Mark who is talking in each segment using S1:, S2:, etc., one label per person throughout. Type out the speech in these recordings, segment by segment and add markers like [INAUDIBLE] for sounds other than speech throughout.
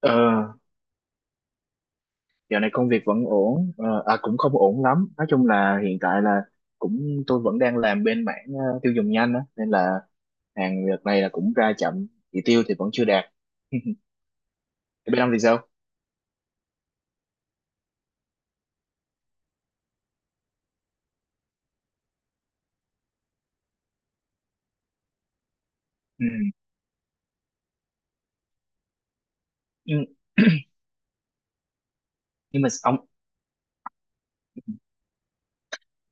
S1: Ờ, Dạo này công việc vẫn ổn, à, cũng không ổn lắm. Nói chung là hiện tại là cũng tôi vẫn đang làm bên mảng tiêu dùng nhanh á, nên là hàng việc này là cũng ra chậm, chỉ tiêu thì vẫn chưa đạt. [LAUGHS] Bên ông thì sao? Ừ. Nhưng, nhưng mà ông,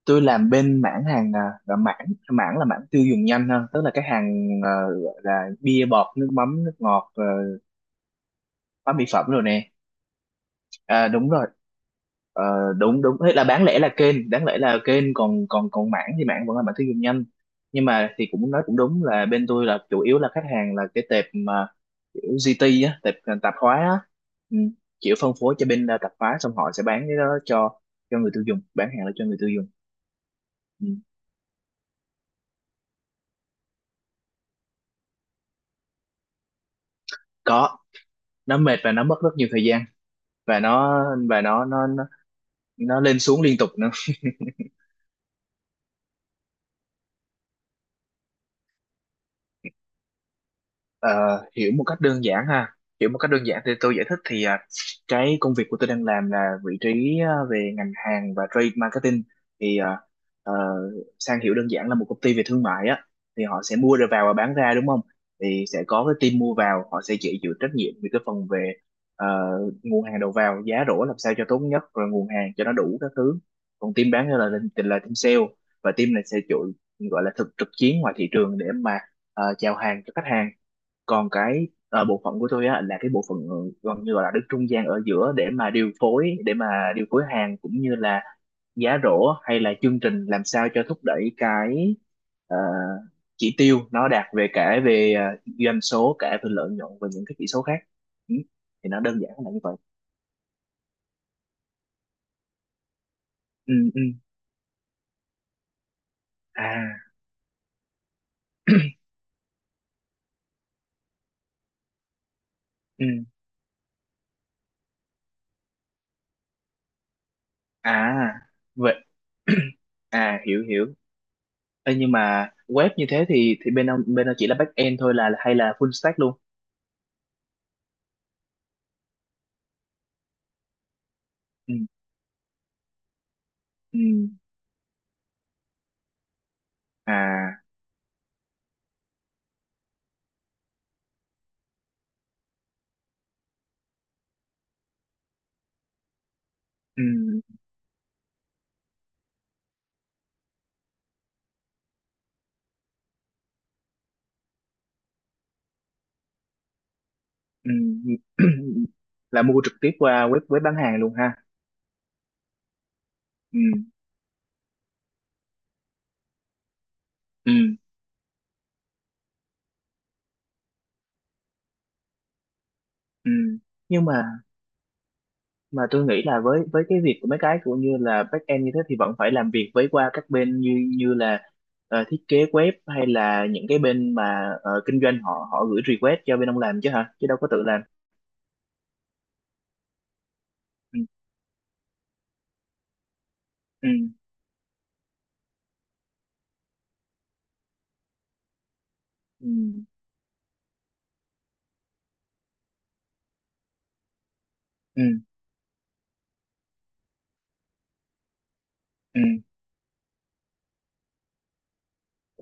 S1: tôi làm bên mảng hàng à, là mảng mảng là mảng tiêu dùng nhanh hơn, tức là cái hàng gọi là bia bọt, nước mắm, nước ngọt, hóa mỹ phẩm rồi nè. À, đúng rồi. Ờ, đúng đúng, thế là đáng lẽ là kênh còn còn còn mảng thì mảng vẫn là mảng tiêu dùng nhanh, nhưng mà thì cũng nói cũng đúng là bên tôi là chủ yếu là khách hàng là cái tệp mà kiểu GT á, tệp à, tạp hóa á. Ừ, chịu phân phối cho bên à, tạp hóa, xong họ sẽ bán cái đó cho người tiêu dùng, bán hàng là cho người tiêu dùng. Ừ. Có, nó mệt và nó mất rất nhiều thời gian, và nó và nó nó lên xuống liên tục. Ờ, Hiểu một cách đơn giản thì tôi giải thích thì cái công việc của tôi đang làm là vị trí về ngành hàng và trade marketing, thì ờ, sang hiểu đơn giản là một công ty về thương mại á, thì họ sẽ mua rồi vào và bán ra, đúng không? Thì sẽ có cái team mua vào, họ sẽ chịu chịu trách nhiệm về cái phần về ờ, nguồn hàng đầu vào giá rổ làm sao cho tốt nhất, rồi nguồn hàng cho nó đủ các thứ. Còn team bán ra là team sale, và team này sẽ chịu, gọi là thực trực chiến ngoài thị trường để mà chào hàng cho khách hàng. Còn cái bộ phận của tôi á là cái bộ phận gần như gọi là đứng trung gian ở giữa để mà điều phối hàng cũng như là giá rổ hay là chương trình làm sao cho thúc đẩy cái ờ, chỉ tiêu nó đạt về cả về doanh số, cả về lợi nhuận và những cái chỉ số khác. Ừ, thì nó đơn giản là như vậy. Ừ, ừ, à, ừ, à, vậy. [CLEARS THROAT] À, hiểu hiểu. Ê, nhưng mà web như thế thì bên ông chỉ là back end thôi, là hay là full stack luôn? Ừ, ừ, à, ừ, ừ. [CLEARS THROAT] Là mua trực tiếp qua web web bán hàng luôn ha? Ừ, ừ, ừ. Nhưng mà tôi nghĩ là với cái việc của mấy cái cũng như là back end như thế thì vẫn phải làm việc với qua các bên như như là thiết kế web hay là những cái bên mà kinh doanh, họ họ gửi request cho bên ông làm chứ, hả, chứ đâu có tự làm? Ừ, ừ, ừ, ừ, ừ,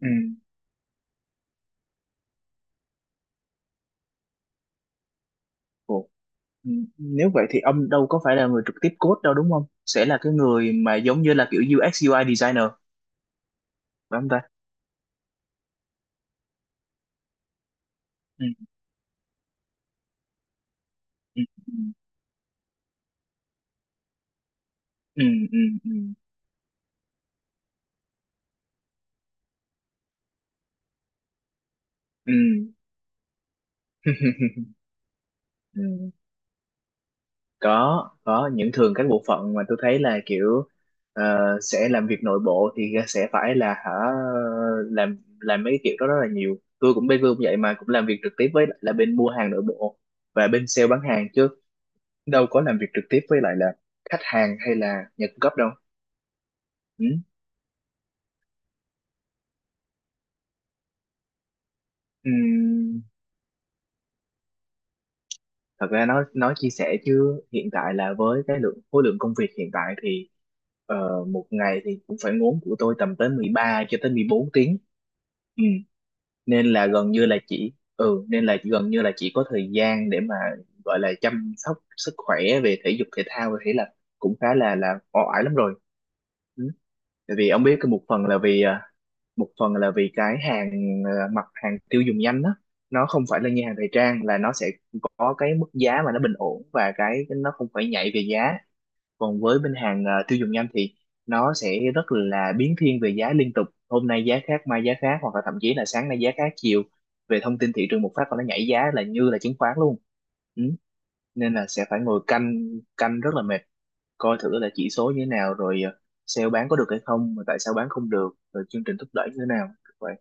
S1: ừ. Ồ, ừ. Nếu vậy thì ông đâu có phải là người trực tiếp code đâu, đúng không? Sẽ là cái người mà giống như là kiểu UX UI designer, phải không ta? Ừ, ừ, ừ, ừ, ừ, ừ, ừ. [LAUGHS] Ừ, có những thường các bộ phận mà tôi thấy là kiểu ờ, sẽ làm việc nội bộ thì sẽ phải là hả, làm mấy cái kiểu đó rất là nhiều. Tôi cũng, bên Vương cũng vậy mà, cũng làm việc trực tiếp với lại là bên mua hàng nội bộ và bên sale bán hàng, chứ đâu có làm việc trực tiếp với lại là khách hàng hay là nhà cung cấp đâu. Ừ. Ừ. Thật ra nó nói chia sẻ chứ hiện tại là với cái khối lượng công việc hiện tại thì một ngày thì cũng phải ngốn của tôi tầm tới 13 cho tới 14 tiếng. Ừ. Nên là gần như là chỉ có thời gian để mà gọi là chăm sóc sức khỏe về thể dục thể thao thì là cũng khá là oải lắm rồi. Ừ. Tại vì ông biết cái một phần là vì cái hàng mặt hàng tiêu dùng nhanh đó, nó không phải là như hàng thời trang là nó sẽ có cái mức giá mà nó bình ổn và cái nó không phải nhảy về giá. Còn với bên hàng tiêu dùng nhanh thì nó sẽ rất là biến thiên về giá liên tục, hôm nay giá khác mai giá khác, hoặc là thậm chí là sáng nay giá khác chiều. Về thông tin thị trường một phát là nó nhảy giá là như là chứng khoán luôn. Ừ. Nên là sẽ phải ngồi canh, canh rất là mệt, coi thử là chỉ số như thế nào rồi sale bán có được hay không, mà tại sao bán không được, rồi chương trình thúc đẩy như thế nào vậy.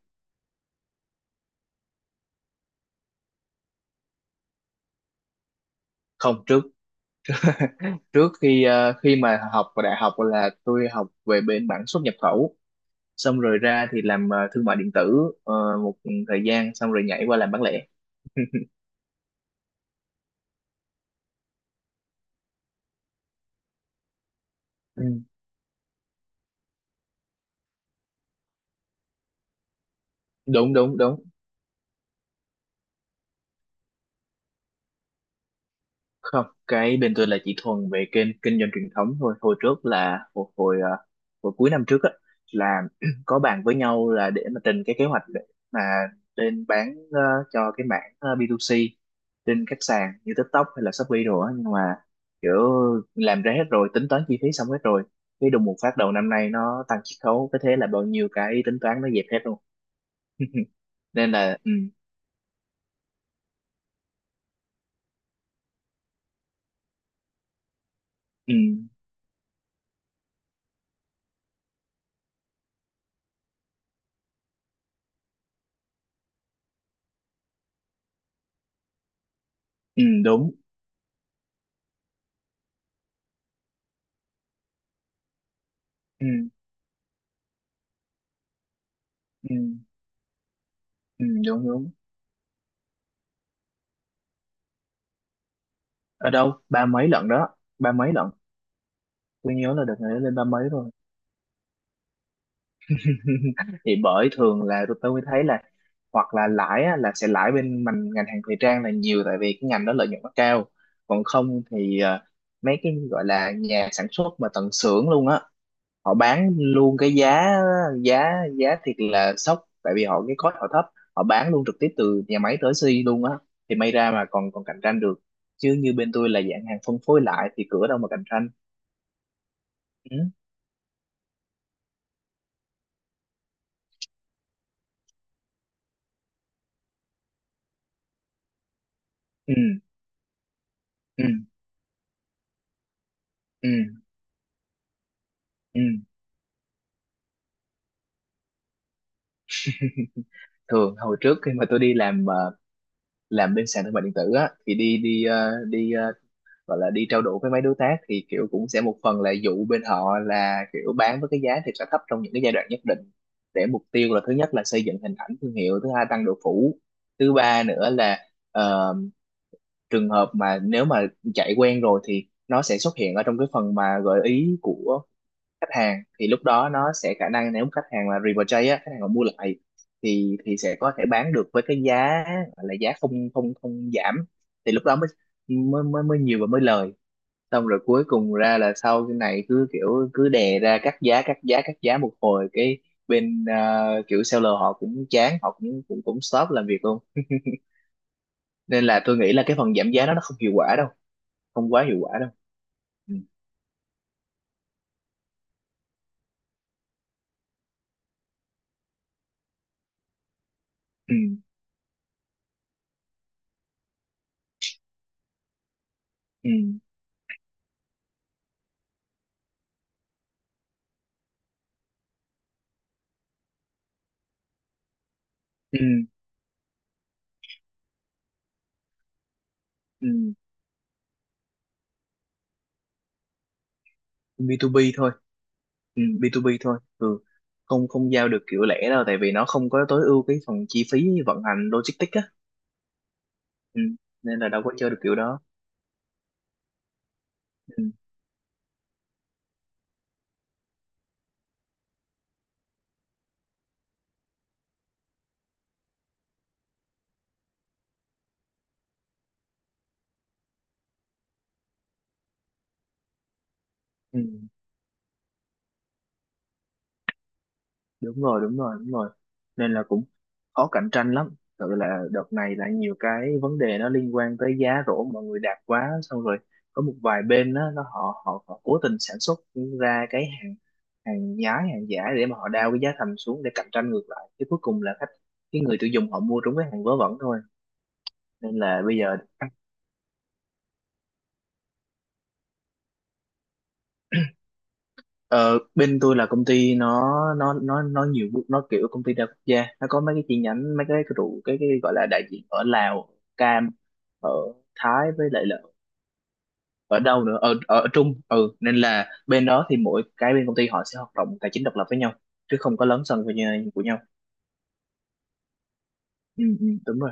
S1: Không, trước, khi học vào đại học là tôi học về bên mảng xuất nhập khẩu, xong rồi ra thì làm thương mại điện tử, một thời gian, xong rồi nhảy qua làm bán lẻ. [LAUGHS] Ừ, đúng đúng đúng. Không, cái bên tôi là chỉ thuần về kênh kinh doanh truyền thống thôi. Hồi trước là hồi hồi, ờ, hồi cuối năm trước á, là [CLEARS THROAT] có bàn với nhau là để mà trình cái kế hoạch để mà lên bán cho cái mảng B2C trên các sàn như TikTok hay là Shopee đồ á, nhưng mà kiểu làm ra hết rồi, tính toán chi phí xong hết rồi, cái đùng một phát đầu năm nay nó tăng chiết khấu cái thế là bao nhiêu cái tính toán nó dẹp hết luôn. [LAUGHS] Nên là ừ, ừ, ừ, đúng, ừ, ừ, ừ, đúng đúng. Ở đâu ba mấy lận đó, ba mấy lận. Tôi nhớ là đợt này lên ba mấy rồi. [LAUGHS] Thì bởi thường là tôi mới thấy là hoặc là lãi á, là sẽ lãi bên mình, ngành hàng thời trang là nhiều, tại vì cái ngành đó lợi nhuận nó cao. Còn không thì à, mấy cái gọi là nhà sản xuất mà tận xưởng luôn á, họ bán luôn cái giá giá giá thiệt là sốc, tại vì họ cái cost họ thấp, họ bán luôn trực tiếp từ nhà máy tới xi luôn á, thì may ra mà còn còn cạnh tranh được. Chứ như bên tôi là dạng hàng phân phối lại thì cửa đâu mà cạnh tranh. Ừ. Ừ. Ừ, ừ, ừ. Thường hồi trước khi mà tôi đi làm làm bên sàn thương mại điện tử á, thì đi đi ờ, gọi là đi trao đổi với mấy đối tác, thì kiểu cũng sẽ một phần là dụ bên họ là kiểu bán với cái giá thì sẽ thấp trong những cái giai đoạn nhất định, để mục tiêu là thứ nhất là xây dựng hình ảnh thương hiệu, thứ hai tăng độ phủ, thứ ba nữa là ờ, trường hợp mà nếu mà chạy quen rồi thì nó sẽ xuất hiện ở trong cái phần mà gợi ý của khách hàng, thì lúc đó nó sẽ khả năng nếu khách hàng là repurchase á, khách hàng mà mua lại, thì sẽ có thể bán được với cái giá gọi là giá không không không giảm, thì lúc đó mới nhiều và mới lời. Xong rồi cuối cùng ra là sau cái này, cứ kiểu cứ đè ra cắt giá cắt giá cắt giá một hồi, cái bên kiểu seller họ cũng chán, họ cũng cũng cũng stop làm việc luôn. [LAUGHS] Nên là tôi nghĩ là cái phần giảm giá đó nó không hiệu quả đâu, không quá hiệu quả đâu. Ừ, ừ, ừ, ừ, ừ. B2B thôi. Ừ, B2B thôi. Ừ. không không giao được kiểu lẻ đâu, tại vì nó không có tối ưu cái phần chi phí vận hành logistics á. Ừ. Nên là đâu có chơi được kiểu đó. Ừ. Ừ. Đúng rồi, đúng rồi, đúng rồi. Nên là cũng khó cạnh tranh lắm. Thật là đợt này là nhiều cái vấn đề nó liên quan tới giá rổ mọi người đạt quá, xong rồi có một vài bên đó, nó họ, họ họ cố tình sản xuất ra cái hàng hàng nhái hàng giả để mà họ đao cái giá thành xuống để cạnh tranh ngược lại, chứ cuối cùng là cái người tiêu dùng họ mua trúng cái hàng vớ vẩn thôi. Nên là bây giờ ờ, bên tôi là công ty, nó kiểu công ty đa quốc gia, nó có mấy cái chi nhánh, mấy cái gọi là đại diện ở Lào, Cam, ở Thái, với lại là ở đâu nữa, ở ở Trung. Ừ, nên là bên đó thì mỗi cái bên công ty họ sẽ hoạt động tài chính độc lập với nhau chứ không có lấn sân với nhau của nhau. Ừ, ừ, đúng rồi.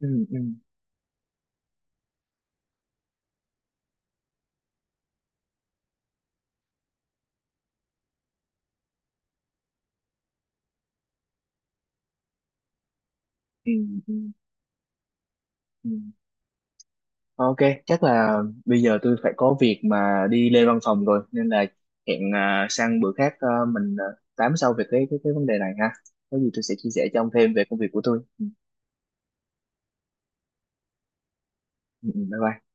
S1: Ừ, ừ. Ừ, ừ. Ok, chắc là bây giờ tôi phải có việc mà đi lên văn phòng rồi, nên là hẹn sang bữa khác, mình tám sau về cái vấn đề này ha. Có gì tôi sẽ chia sẻ cho ông thêm về công việc của tôi. Ừ, ừ, ừ. Bye bye.